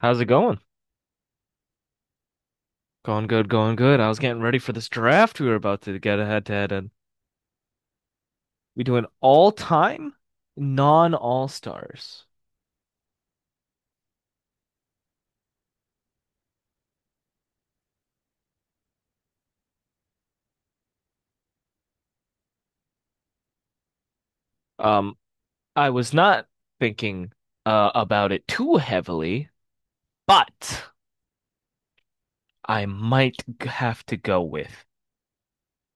How's it going? Going good, going good. I was getting ready for this draft we were about to get a head to head in. We do an all-time non-all stars. Um, I was not thinking about it too heavily, but I might have to go with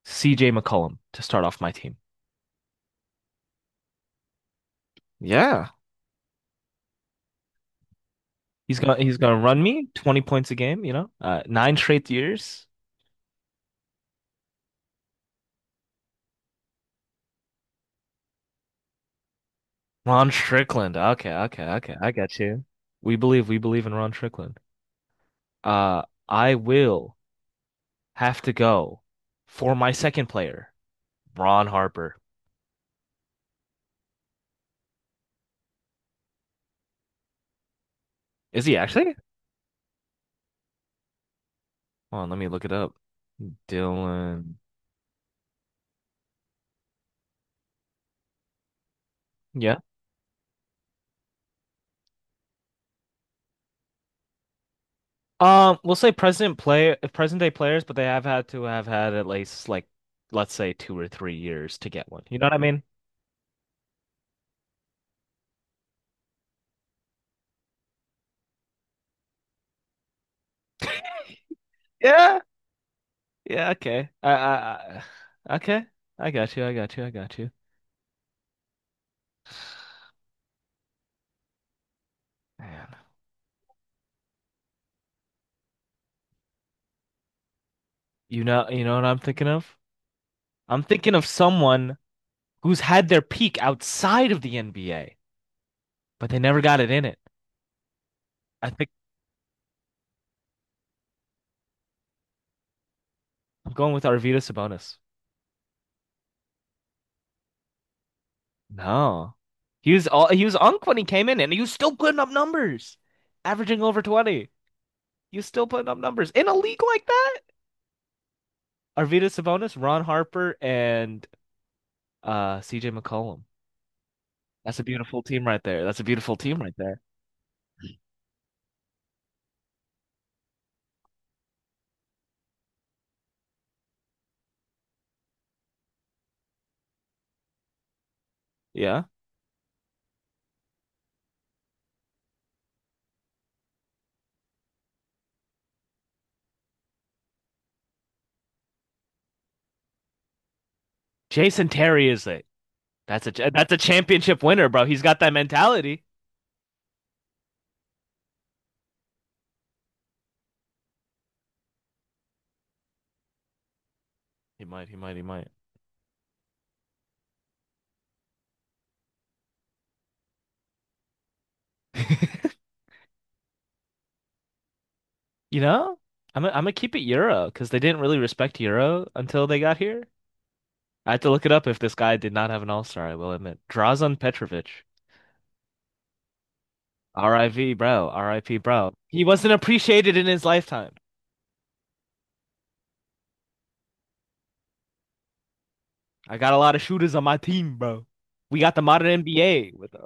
CJ McCollum to start off my team. Yeah. He's gonna run me 20 points a game, you know? Nine straight years. Ron Strickland. Okay, okay, okay, I got you. We believe in Ron Strickland. I will have to go for my second player, Ron Harper. Is he actually? Hold on, let me look it up. Dylan. Yeah. We'll say present day players, but they have had to have had at least like, let's say 2 or 3 years to get one. You know what I mean? Yeah. Yeah. Okay. Okay. I got you, I got you, I got you. Man. You know what I'm thinking of? I'm thinking of someone who's had their peak outside of the NBA, but they never got it in it. I think I'm going with Arvydas Sabonis. No. He was unk when he came in and he was still putting up numbers, averaging over 20. He was still putting up numbers in a league like that. Arvydas Sabonis, Ron Harper, and CJ McCollum. That's a beautiful team right there. That's a beautiful team right there. Yeah. Jason Terry is it. That's a championship winner, bro. He's got that mentality. He might, he might, he might. You know, I'm gonna keep it Euro because they didn't really respect Euro until they got here. I had to look it up. If this guy did not have an all-star, I will admit. Drazen Petrovic. RIV, bro. RIP, bro. He wasn't appreciated in his lifetime. I got a lot of shooters on my team, bro. We got the modern NBA with,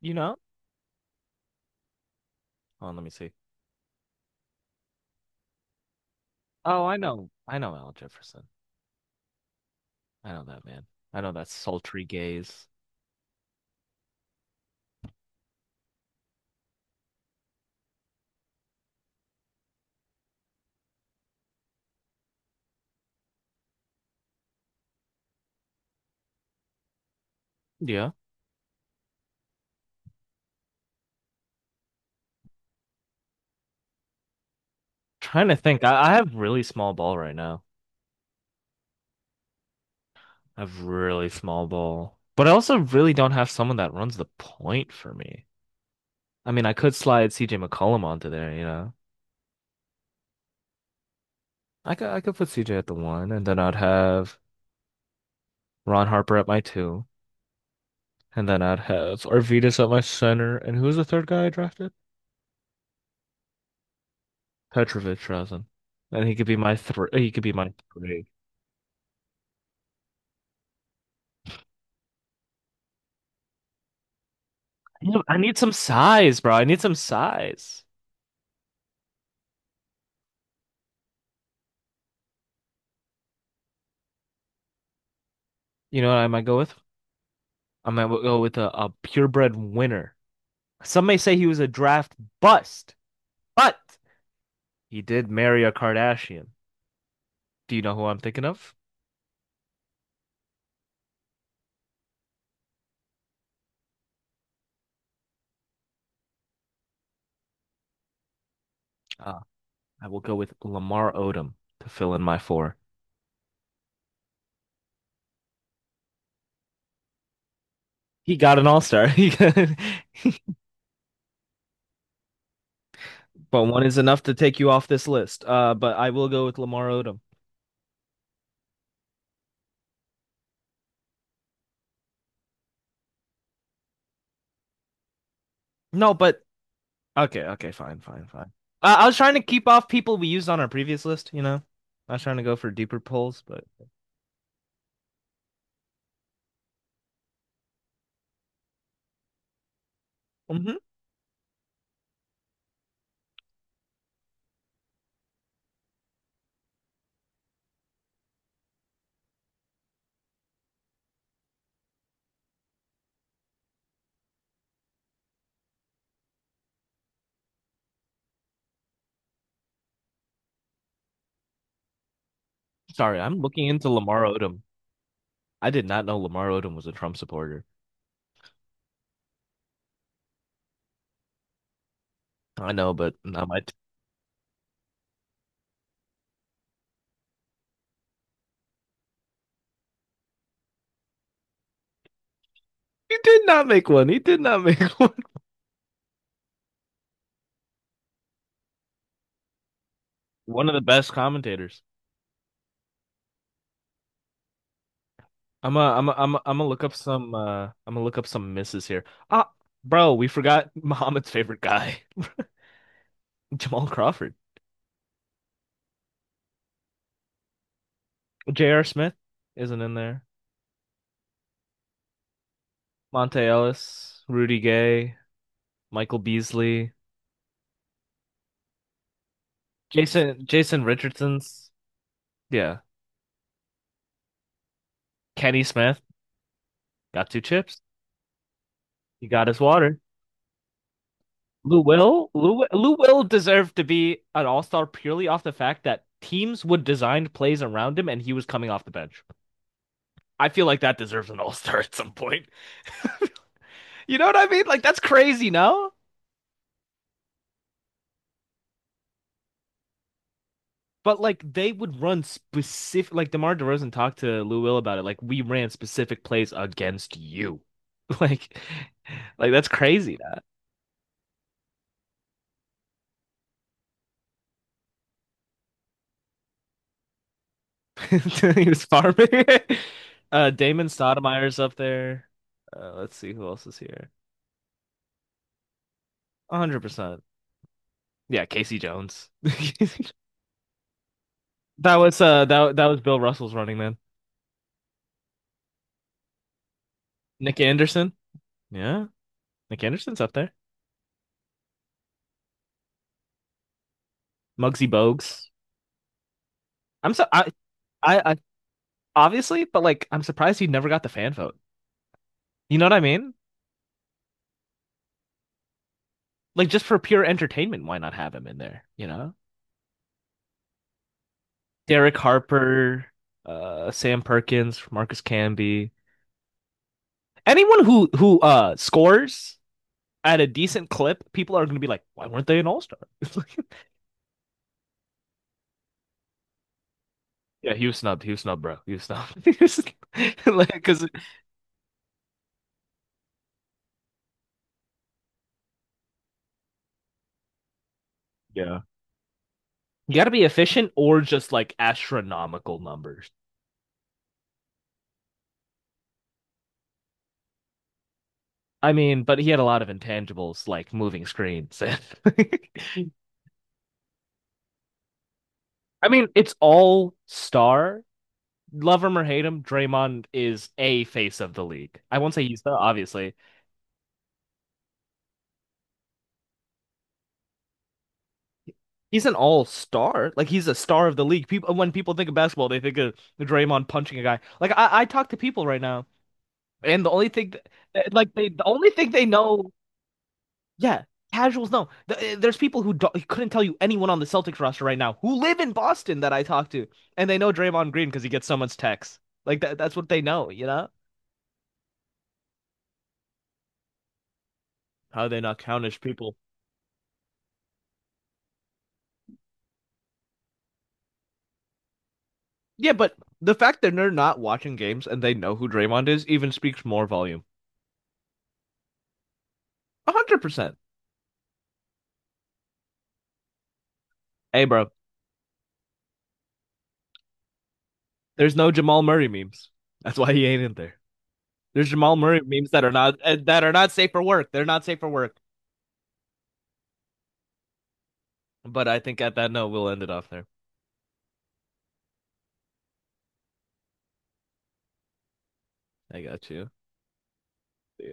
you know? Hold on, let me see. Oh, I know. I know Al Jefferson. I know that man. I know that sultry gaze. Yeah. Trying to think. I have really small ball right now. I have really small ball, but I also really don't have someone that runs the point for me. I mean, I could slide CJ McCollum onto there, you know. I could put CJ at the one, and then I'd have Ron Harper at my two, and then I'd have Arvidas at my center, and who's the third guy I drafted? Petrovic Rasen, and he could be my three. He could be my three. I need some size, bro. I need some size. You know what I might go with? I might go with a purebred winner. Some may say he was a draft bust, but he did marry a Kardashian. Do you know who I'm thinking of? Uh, I will go with Lamar Odom to fill in my four. He got an all-star. But one is enough to take you off this list. But I will go with Lamar Odom. No, but okay, okay, fine, fine, fine. I was trying to keep off people we used on our previous list, you know. I was trying to go for deeper polls, but mhm. Sorry, I'm looking into Lamar Odom. I did not know Lamar Odom was a Trump supporter. I know, but not my. He did not make one. He did not make one. One of the best commentators. I'm gonna look up some I'm gonna look up some misses here. Ah, bro, we forgot Muhammad's favorite guy, Jamal Crawford. J.R. Smith isn't in there. Monte Ellis, Rudy Gay, Michael Beasley, Jason Richardson's, yeah. Kenny Smith got two chips. He got his water. Lou Will, Lou Will deserved to be an all-star purely off the fact that teams would design plays around him and he was coming off the bench. I feel like that deserves an all-star at some point. You know what I mean? Like that's crazy, no? But like they would run specific like DeMar DeRozan talked to Lou Will about it. Like we ran specific plays against you. Like like that's crazy that. He was farming. Damon Stoudemire's up there. Let's see who else is here. 100%. Yeah, Casey Jones. That that was Bill Russell's running man. Nick Anderson. Yeah. Nick Anderson's up there. Muggsy Bogues. I'm so I obviously, but like I'm surprised he never got the fan vote. You know what I mean? Like just for pure entertainment, why not have him in there? You know, Derek Harper, Sam Perkins, Marcus Camby, anyone who scores at a decent clip, people are gonna be like, why weren't they an all star? Yeah, he was snubbed. He was snubbed, bro. He was snubbed. Like, because yeah, you got to be efficient or just like astronomical numbers. I mean, but he had a lot of intangibles like moving screens. I mean, it's all star. Love him or hate him, Draymond is a face of the league. I won't say he's the obviously. He's an all star. Like he's a star of the league. People when people think of basketball, they think of Draymond punching a guy. Like I talk to people right now, and the only thing they know. Yeah, casuals no. There's people who couldn't tell you anyone on the Celtics roster right now who live in Boston that I talk to, and they know Draymond Green because he gets so much text. Like that, that's what they know, you know? How they not countish people. Yeah, but the fact that they're not watching games and they know who Draymond is even speaks more volume. 100%. Hey, bro, there's no Jamal Murray memes. That's why he ain't in there. There's Jamal Murray memes that are not safe for work. They're not safe for work. But I think at that note, we'll end it off there. I got you. See ya.